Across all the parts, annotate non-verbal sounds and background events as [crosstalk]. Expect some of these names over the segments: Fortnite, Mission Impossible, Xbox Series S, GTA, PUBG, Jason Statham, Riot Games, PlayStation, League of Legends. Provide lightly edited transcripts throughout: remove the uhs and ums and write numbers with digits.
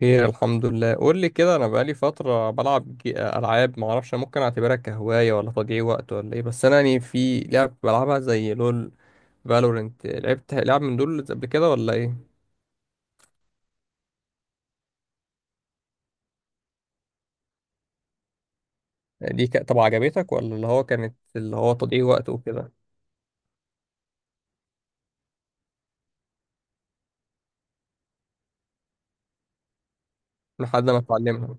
خير، الحمد لله. قول لي كده، انا بقالي فتره بلعب العاب، ما اعرفش ممكن اعتبرها كهوايه ولا تضييع وقت ولا ايه. بس انا يعني في لعب بلعبها زي لول، فالورنت. لعبت لعب من دول قبل كده ولا ايه؟ يعني طب، عجبتك ولا اللي هو كانت اللي هو تضييع وقت وكده؟ لحد ما اتعلمها.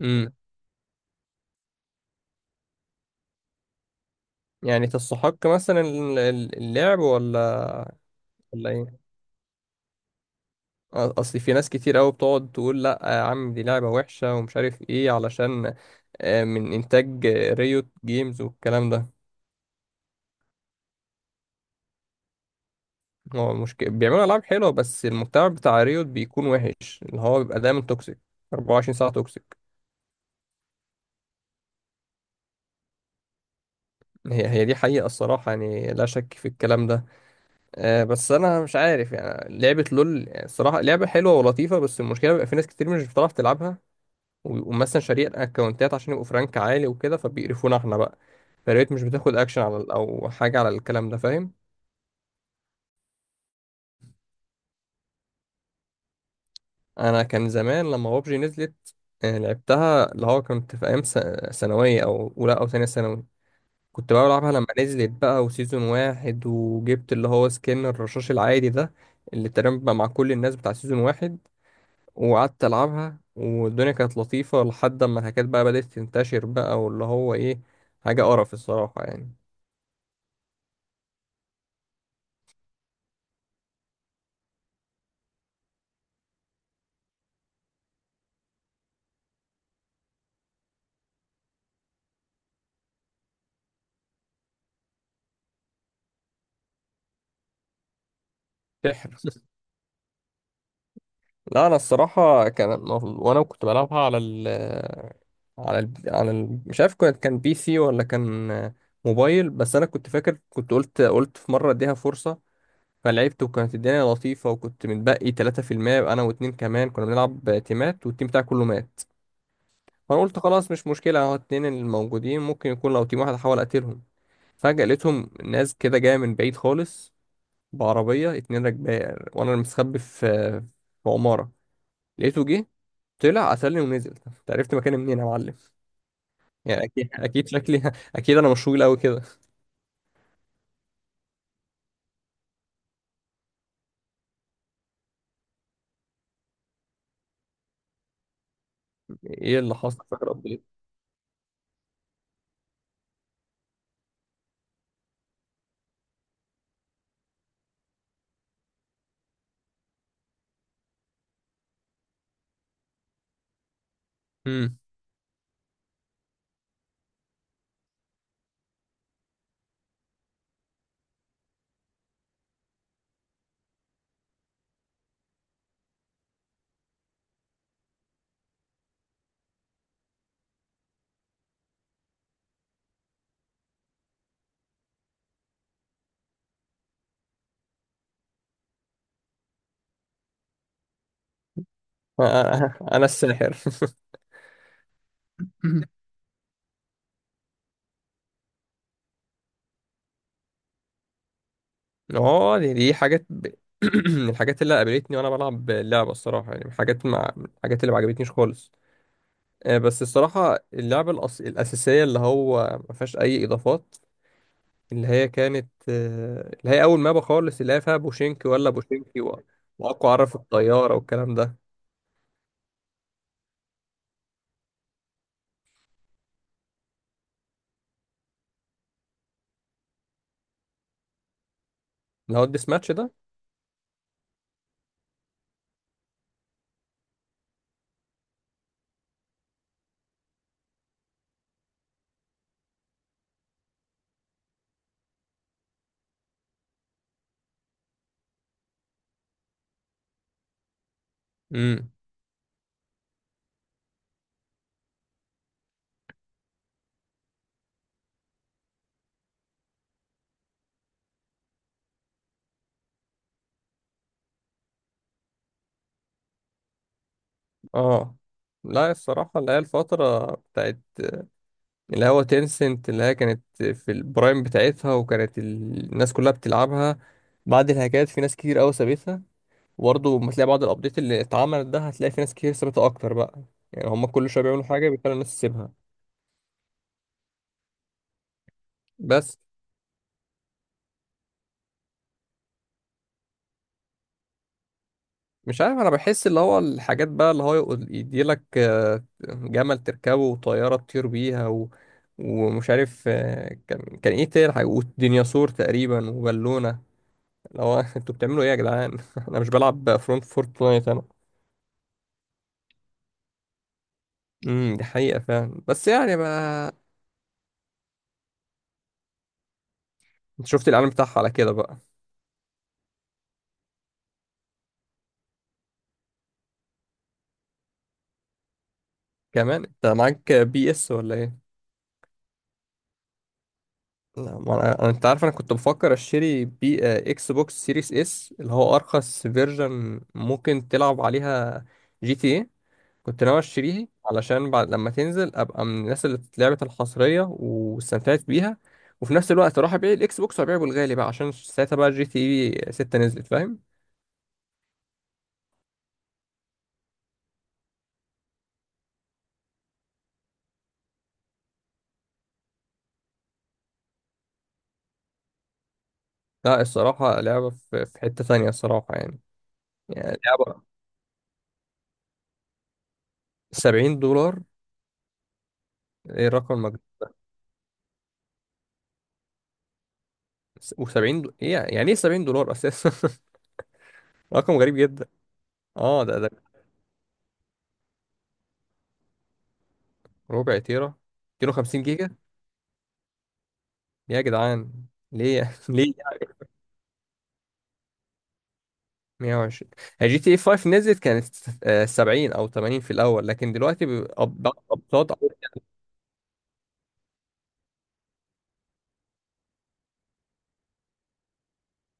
امم يعني تستحق مثلا اللعب ولا؟ ولا ايه؟ اصل في ناس كتير قوي بتقعد تقول لا يا عم، دي لعبه وحشه ومش عارف ايه، علشان من انتاج ريوت جيمز والكلام ده. هو المشكلة بيعملوا ألعاب حلوة، بس المجتمع بتاع ريوت بيكون وحش، اللي هو بيبقى دايما توكسيك. 24 ساعة توكسيك. هي دي حقيقة الصراحة، يعني لا شك في الكلام ده. بس أنا مش عارف، يعني لعبة لول يعني الصراحة لعبة حلوة ولطيفة، بس المشكلة بيبقى في ناس كتير مش بتعرف تلعبها، وبيبقوا مثلا شاريين أكونتات عشان يبقوا فرانك عالي وكده، فبيقرفونا احنا بقى. فريوت مش بتاخد أكشن على أو حاجة على الكلام ده، فاهم؟ أنا كان زمان لما بابجي نزلت لعبتها، اللي هو كنت في ثانوية، أو أولى أو تانية ثانوي، كنت بقى بلعبها لما نزلت بقى وسيزون واحد، وجبت اللي هو سكين الرشاش العادي ده اللي تقريبا بقى مع كل الناس بتاع سيزون واحد، وقعدت ألعبها والدنيا كانت لطيفة لحد ما الحاجات بقى بدأت تنتشر بقى، واللي هو إيه، حاجة قرف الصراحة يعني. سحر. لا أنا الصراحة كان وأنا كنت بلعبها على ال مش عارف، كانت كان بي سي ولا كان موبايل، بس أنا كنت فاكر، كنت قلت في مرة أديها فرصة، فلعبت وكانت الدنيا لطيفة، وكنت متبقي 3%، يبقى أنا واتنين كمان كنا بنلعب تيمات، والتيم بتاعي كله مات. فأنا قلت خلاص مش مشكلة، أهو اتنين الموجودين ممكن يكون لو تيم واحد أحاول أقتلهم. فجأة لقيتهم ناس كده جاية من بعيد خالص بعربية اتنين راكبة، وأنا مستخبي في عمارة، لقيته جه، طلع قتلني ونزل. أنت عرفت مكاني منين يا معلم؟ يعني أكيد، أكيد شكلي [laughs] أكيد أنا مش طويل أوي كده. إيه اللي حصل فاكر قد إيه؟ أمم. [laughs] أنا الساحر. [laughs] اه دي [clears throat] من الحاجات اللي قابلتني وانا بلعب اللعبه الصراحه، يعني من الحاجات من الحاجات اللي ما عجبتنيش خالص. بس الصراحه اللعبه الاساسيه اللي هو ما فيهاش اي اضافات، اللي هي كانت اللي هي اول مابا خالص، اللي هي فيها بوشينكي ولا واقوى عرف الطياره والكلام ده. اللي هو الديس ماتش ده. امم اه لا الصراحه اللي هي الفتره بتاعت اللي هو تينسنت، اللي هي كانت في البرايم بتاعتها، وكانت الناس كلها بتلعبها. بعد الهاكات في ناس كتير قوي سابتها، وبرضه لما تلاقي بعض الابديت اللي اتعملت ده هتلاقي في ناس كتير سابتها اكتر بقى. يعني هم كل شويه بيعملوا حاجه بيخلوا الناس تسيبها. بس مش عارف، انا بحس اللي هو الحاجات بقى اللي هو يديلك جمل تركبه وطياره تطير بيها و... ومش عارف كان ايه تاني حاجه، وديناصور تقريبا وبالونه، اللي هو [laughs] انتوا بتعملوا ايه يا جدعان؟ [laughs] انا مش بلعب فورتنايت انا. دي حقيقة فعلا، بس يعني بقى. انت شفت الاعلان بتاعها على كده بقى؟ كمان انت معاك بي اس ولا ايه؟ لا ما انت عارف، انا كنت بفكر اشتري بي آه، اكس بوكس سيريس اس، اللي هو ارخص فيرجن ممكن تلعب عليها جي تي ايه، كنت ناوي اشتريه علشان بعد لما تنزل ابقى من الناس اللي لعبت الحصرية واستمتعت بيها، وفي نفس الوقت اروح ابيع الاكس بوكس وابيعه بالغالي بقى، عشان ساعتها بقى جي تي ايه 6 نزلت، فاهم؟ لا الصراحة لعبة في حتة تانية الصراحة يعني. يعني لعبة $70! ايه رقم ايه يعني ايه $70 اساسا! [laughs] رقم غريب جدا. اه ده ربع تيرا. 250 جيجا! يا جدعان ليه [laughs] ليه يعني؟ 120. هي جي تي اي 5 نزلت كانت 70 او 80 في الاول، لكن دلوقتي ابطال.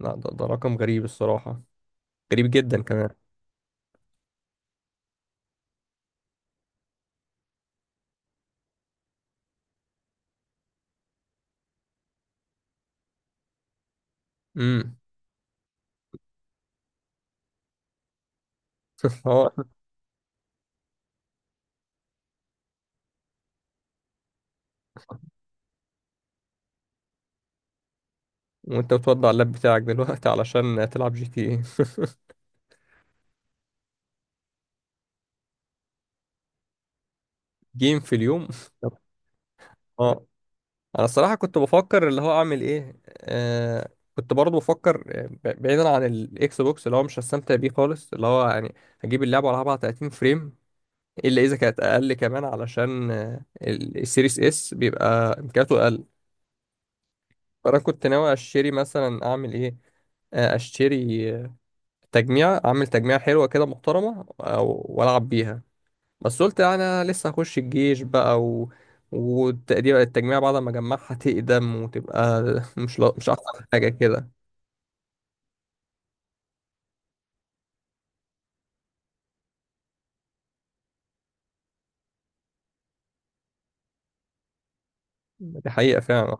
لا ده رقم غريب الصراحة، غريب جدا كمان. امم اه [laughs] وانت بتوضع اللاب بتاعك دلوقتي علشان تلعب جي تي اي؟ [laughs] جيم في اليوم! [laughs] اه انا الصراحه كنت بفكر اللي هو اعمل ايه، آه كنت برضه بفكر بعيدا عن الاكس بوكس اللي هو مش هستمتع بيه خالص، اللي هو يعني هجيب اللعبه والعبها على 30 فريم، الا اذا كانت اقل كمان، علشان السيريس اس بيبقى امكانياته اقل. فانا كنت ناوي اشتري مثلا، اعمل ايه، اشتري تجميع، اعمل تجميع حلوه كده محترمه والعب بيها. بس قلت يعني انا لسه هخش الجيش بقى و... والتقدير التجميع بعد ما اجمعها تقدم وتبقى [laughs] مش احسن حاجه كده. دي حقيقه فعلا،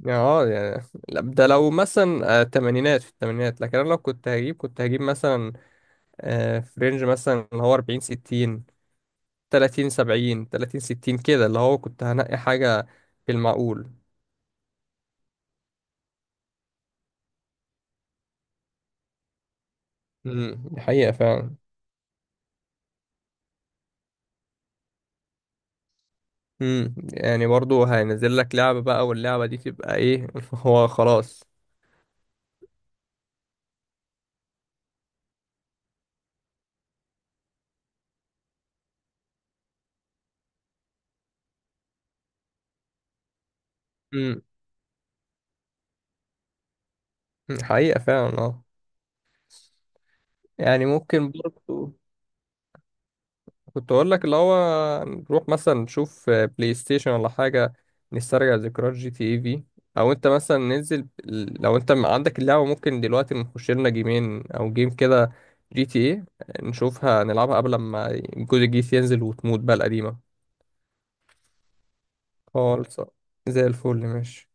يعني اه يعني. لا، ده لو مثلا تمانينات، في التمانينات، لكن انا لو كنت هجيب مثلا في رينج مثلا اللي هو 40 60، 30 70، 30 60 كده، اللي هو كنت هنقي حاجه في المعقول. دي حقيقه فعلا. يعني برضو هينزل لك لعبه بقى، واللعبه دي تبقى ايه؟ [laughs] هو خلاص. حقيقة فعلا اه، يعني ممكن برضه. كنت اقول لك اللي هو نروح مثلا نشوف بلاي ستيشن ولا حاجة، نسترجع ذكريات جي تي اي في، او انت مثلا ننزل، لو انت عندك اللعبة ممكن دلوقتي نخش لنا جيمين او جيم كده، جي تي اي، نشوفها نلعبها قبل ما الجزء الجديد ينزل وتموت بقى القديمة. خالص آه. زي الفل ماشي.